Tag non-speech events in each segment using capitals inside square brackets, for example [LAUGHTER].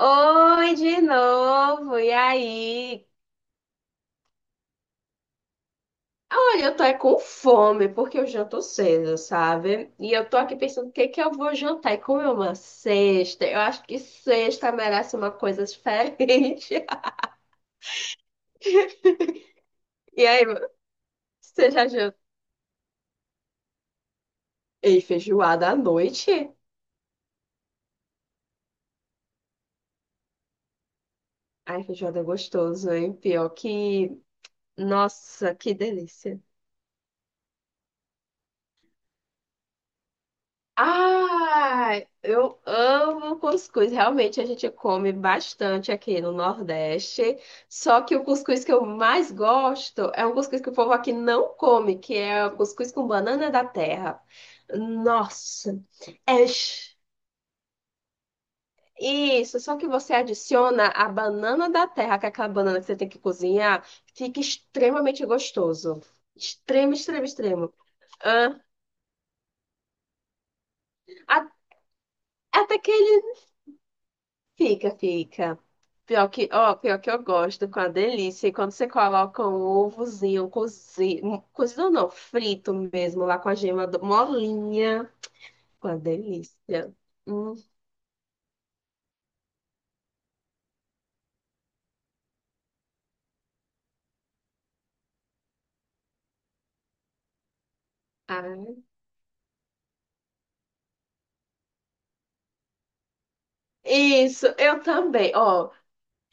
Oi, de novo. E aí? Olha, eu tô é com fome, porque eu janto cedo, sabe? E eu tô aqui pensando o que que eu vou jantar. E como é uma sexta, eu acho que sexta merece uma coisa diferente. [LAUGHS] E aí, mano, você já jantou? Ei, feijoada à noite? Ai, feijoada é gostoso, hein? Pior que... Nossa, que delícia. Ah, eu amo cuscuz. Realmente a gente come bastante aqui no Nordeste. Só que o cuscuz que eu mais gosto é um cuscuz que o povo aqui não come, que é o cuscuz com banana da terra. Nossa, é ch- isso. Só que você adiciona a banana da terra, que é aquela banana que você tem que cozinhar, fica extremamente gostoso. Extremo, extremo, extremo. Ah, a- até que ele fica, fica. Pior que, ó, pior que eu gosto com a delícia. E quando você coloca um ovozinho cozido, um, cozido não, frito mesmo, lá com a gema molinha. Com a delícia. Hum, ai. Isso, eu também. Ó,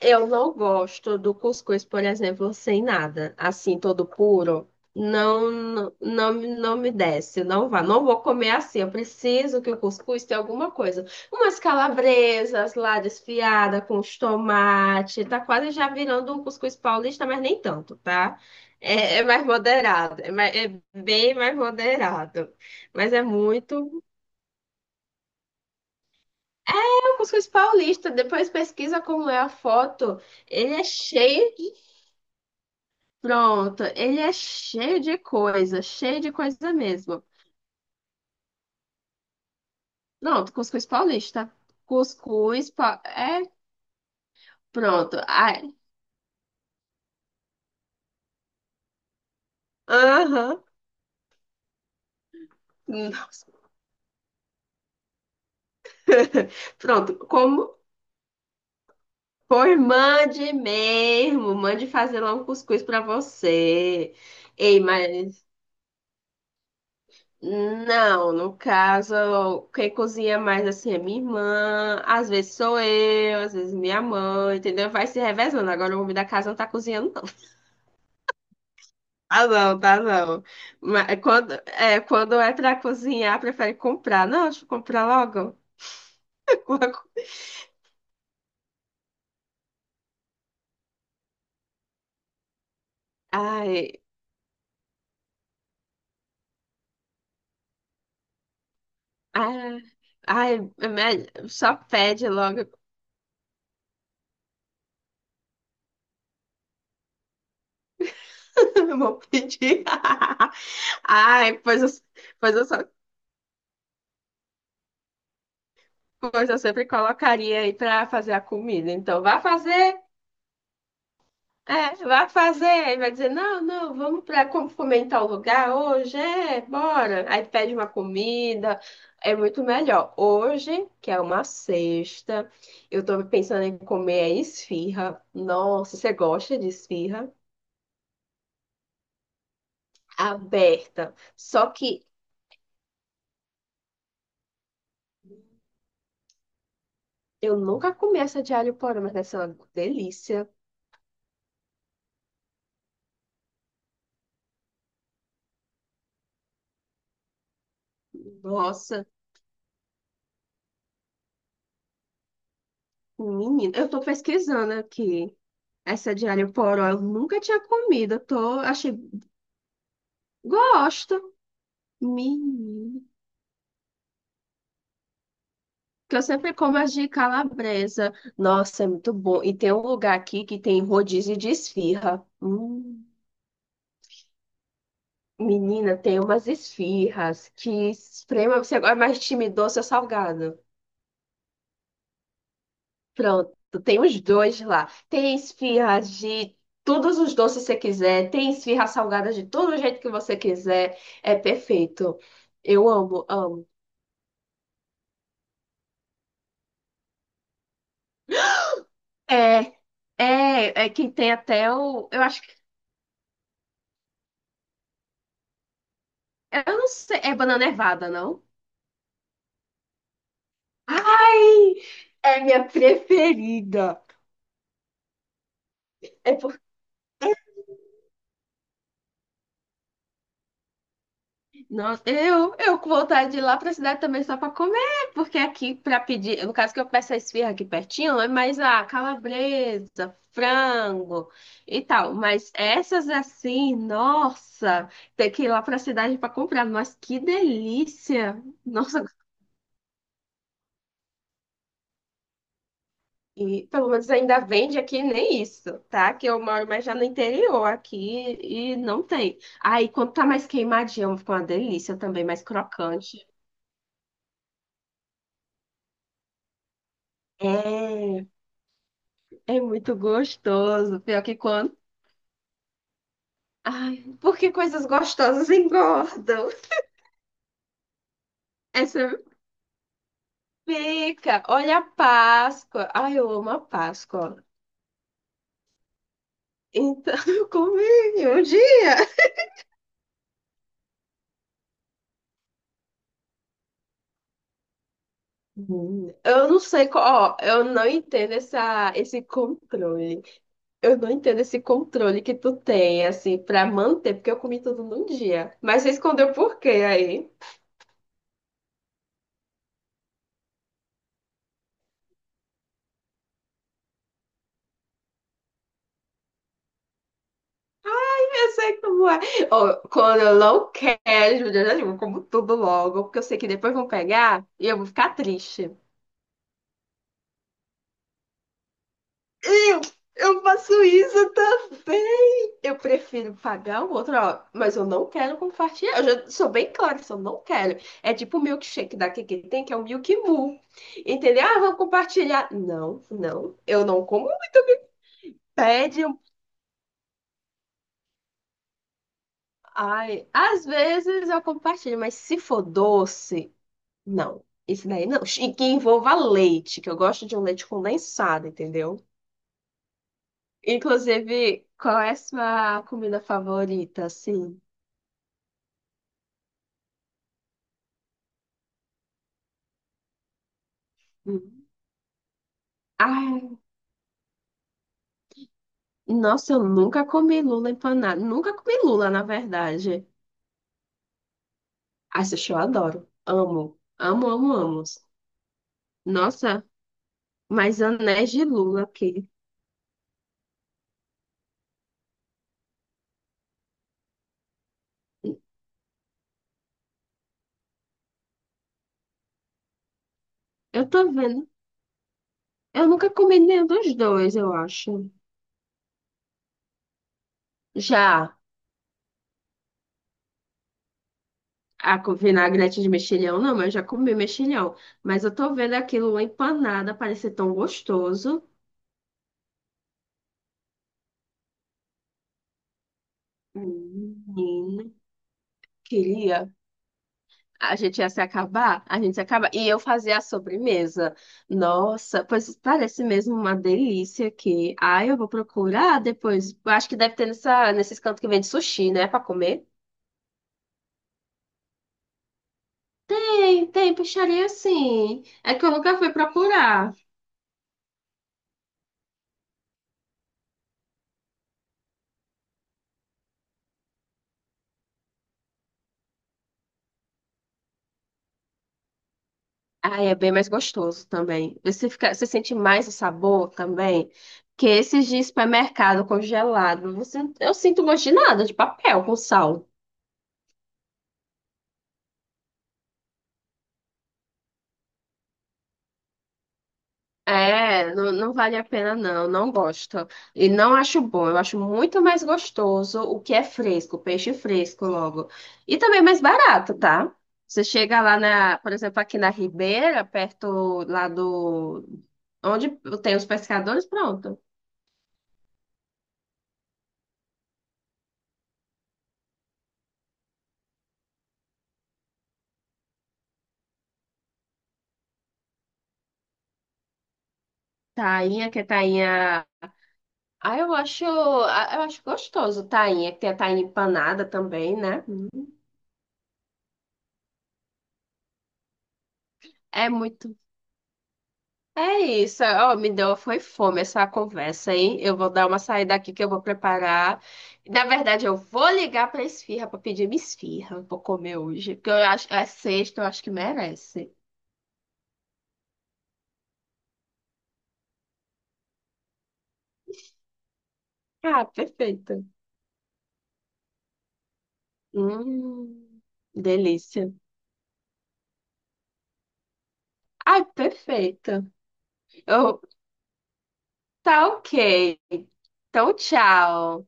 eu não gosto do cuscuz, por exemplo, sem nada, assim, todo puro. Não, não, não, não me desce, não vá. Não vou comer assim. Eu preciso que o cuscuz tenha alguma coisa. Umas calabresas lá desfiada com os tomates. Tá quase já virando um cuscuz paulista, mas nem tanto, tá? É, é mais moderado. É bem mais moderado. Mas é muito. É o cuscuz paulista. Depois pesquisa como é a foto. Ele é cheio Pronto, ele é cheio de coisa mesmo. Pronto, cuscuz paulista. Cuscuz pa... é pronto. Ai, aham. Hum. Pronto, como por mande mesmo, mande fazer lá um cuscuz para você. Ei, mas não, no caso, quem cozinha mais assim é minha irmã, às vezes sou eu, às vezes minha mãe, entendeu? Vai se revezando. Agora o homem da casa não tá cozinhando, tá não, tá não. Mas quando é pra cozinhar, prefere comprar. Não, deixa eu comprar logo. [LAUGHS] Logo. Ai, ai, ai, só pede logo. [LAUGHS] Eu vou pedir. [LAUGHS] Ai, pois eu, só, pois eu sempre colocaria aí pra fazer a comida. Então, vá fazer. É, vai fazer, aí vai dizer, não, não, vamos para como fomentar o lugar hoje, é, bora. Aí pede uma comida, é muito melhor. Hoje, que é uma sexta, eu tô pensando em comer esfirra. Nossa, você gosta de esfirra? Aberta. Só que eu nunca comi essa de alho poró, mas essa é uma delícia. Nossa, menina, eu tô pesquisando aqui. Essa de alho poró, eu nunca tinha comido, eu tô, achei, gosto. Menino. Que eu sempre como as de calabresa. Nossa, é muito bom. E tem um lugar aqui que tem rodízio de esfirra. Hum. Menina, tem umas esfirras que esprema. Você agora é mais time doce ou salgado? Pronto, tem os dois lá. Tem esfirras de todos os doces que você quiser. Tem esfirra salgada de todo jeito que você quiser. É perfeito. Eu amo, amo. É, é que tem até o. Eu acho. Eu não sei. É banana nevada, não? Ai, é minha preferida. É porque. Nossa, eu com vontade de ir lá pra cidade também só pra comer. Porque aqui pra pedir. No caso que eu peço a esfirra aqui pertinho, é mais a calabresa, frango e tal. Mas essas assim, nossa, tem que ir lá pra cidade pra comprar. Mas que delícia! Nossa, e pelo menos ainda vende aqui nem isso, tá? Que eu moro mais já no interior aqui e não tem. Aí quando tá mais queimadinho, fica uma delícia também, mais crocante. É, é muito gostoso. Pior que quando. Ai, porque coisas gostosas [LAUGHS] engordam. Essa fica. Olha a Páscoa. Ai, eu amo a Páscoa. Então, [LAUGHS] eu comi um dia. Hum. Eu não sei qual, ó, eu não entendo esse controle. Eu não entendo esse controle que tu tem, assim, pra manter, porque eu comi tudo num dia. Mas você escondeu por quê aí? Eu sei como é. Ó, quando eu não quero, Júlia, eu já digo, eu como tudo logo, porque eu sei que depois vão pegar e eu vou ficar triste. Eu, eu faço isso também. Eu prefiro pagar o outro, ó, mas eu não quero compartilhar. Eu já sou bem clara, isso eu não quero. É tipo o milkshake da que tem, que é o Milk Mu. Entendeu? Ah, vamos compartilhar. Não, não, eu não como Pede um. Ai, às vezes eu compartilho, mas se for doce, não. Isso daí não. E que envolva leite, que eu gosto de um leite condensado, entendeu? Inclusive, qual é a sua comida favorita, assim? Hum. Ai, nossa, eu nunca comi lula empanada. Nunca comi lula, na verdade. Ai, sushi eu adoro. Amo. Amo, amo, amo. Nossa, mas anéis de lula aqui. Eu tô vendo. Eu nunca comi nenhum dos dois, eu acho. Já vinagrete de mexilhão, não, mas eu já comi mexilhão. Mas eu tô vendo aquilo uma empanada parecer tão gostoso. Menina, queria. A gente ia se acabar, a gente se acaba. E eu fazia a sobremesa. Nossa, pois parece mesmo uma delícia aqui. Ai, eu vou procurar depois. Eu acho que deve ter nesses cantos que vende sushi, né, pra comer. Tem, tem peixaria sim. É que eu nunca fui procurar. Ah, é bem mais gostoso também. Você fica, você sente mais o sabor também que esses de supermercado congelado. Você, eu sinto gosto de nada, de papel com sal. É, não, não vale a pena não, não gosto. E não acho bom, eu acho muito mais gostoso o que é fresco, peixe fresco logo. E também mais barato, tá? Você chega lá na, por exemplo, aqui na Ribeira, perto lá do, onde tem os pescadores, pronto. Tainha, que é tainha ah, eu acho gostoso, tainha, que tem a tainha empanada também, né? É muito. É isso, ó, me deu, foi fome essa conversa, hein? Eu vou dar uma saída aqui que eu vou preparar. Na verdade, eu vou ligar pra esfirra pra pedir minha esfirra. Eu vou comer hoje, porque eu acho, é sexta, eu acho que merece. Ah, perfeito. Hum, delícia. Ai, perfeito. Eu, tá ok. Então, tchau.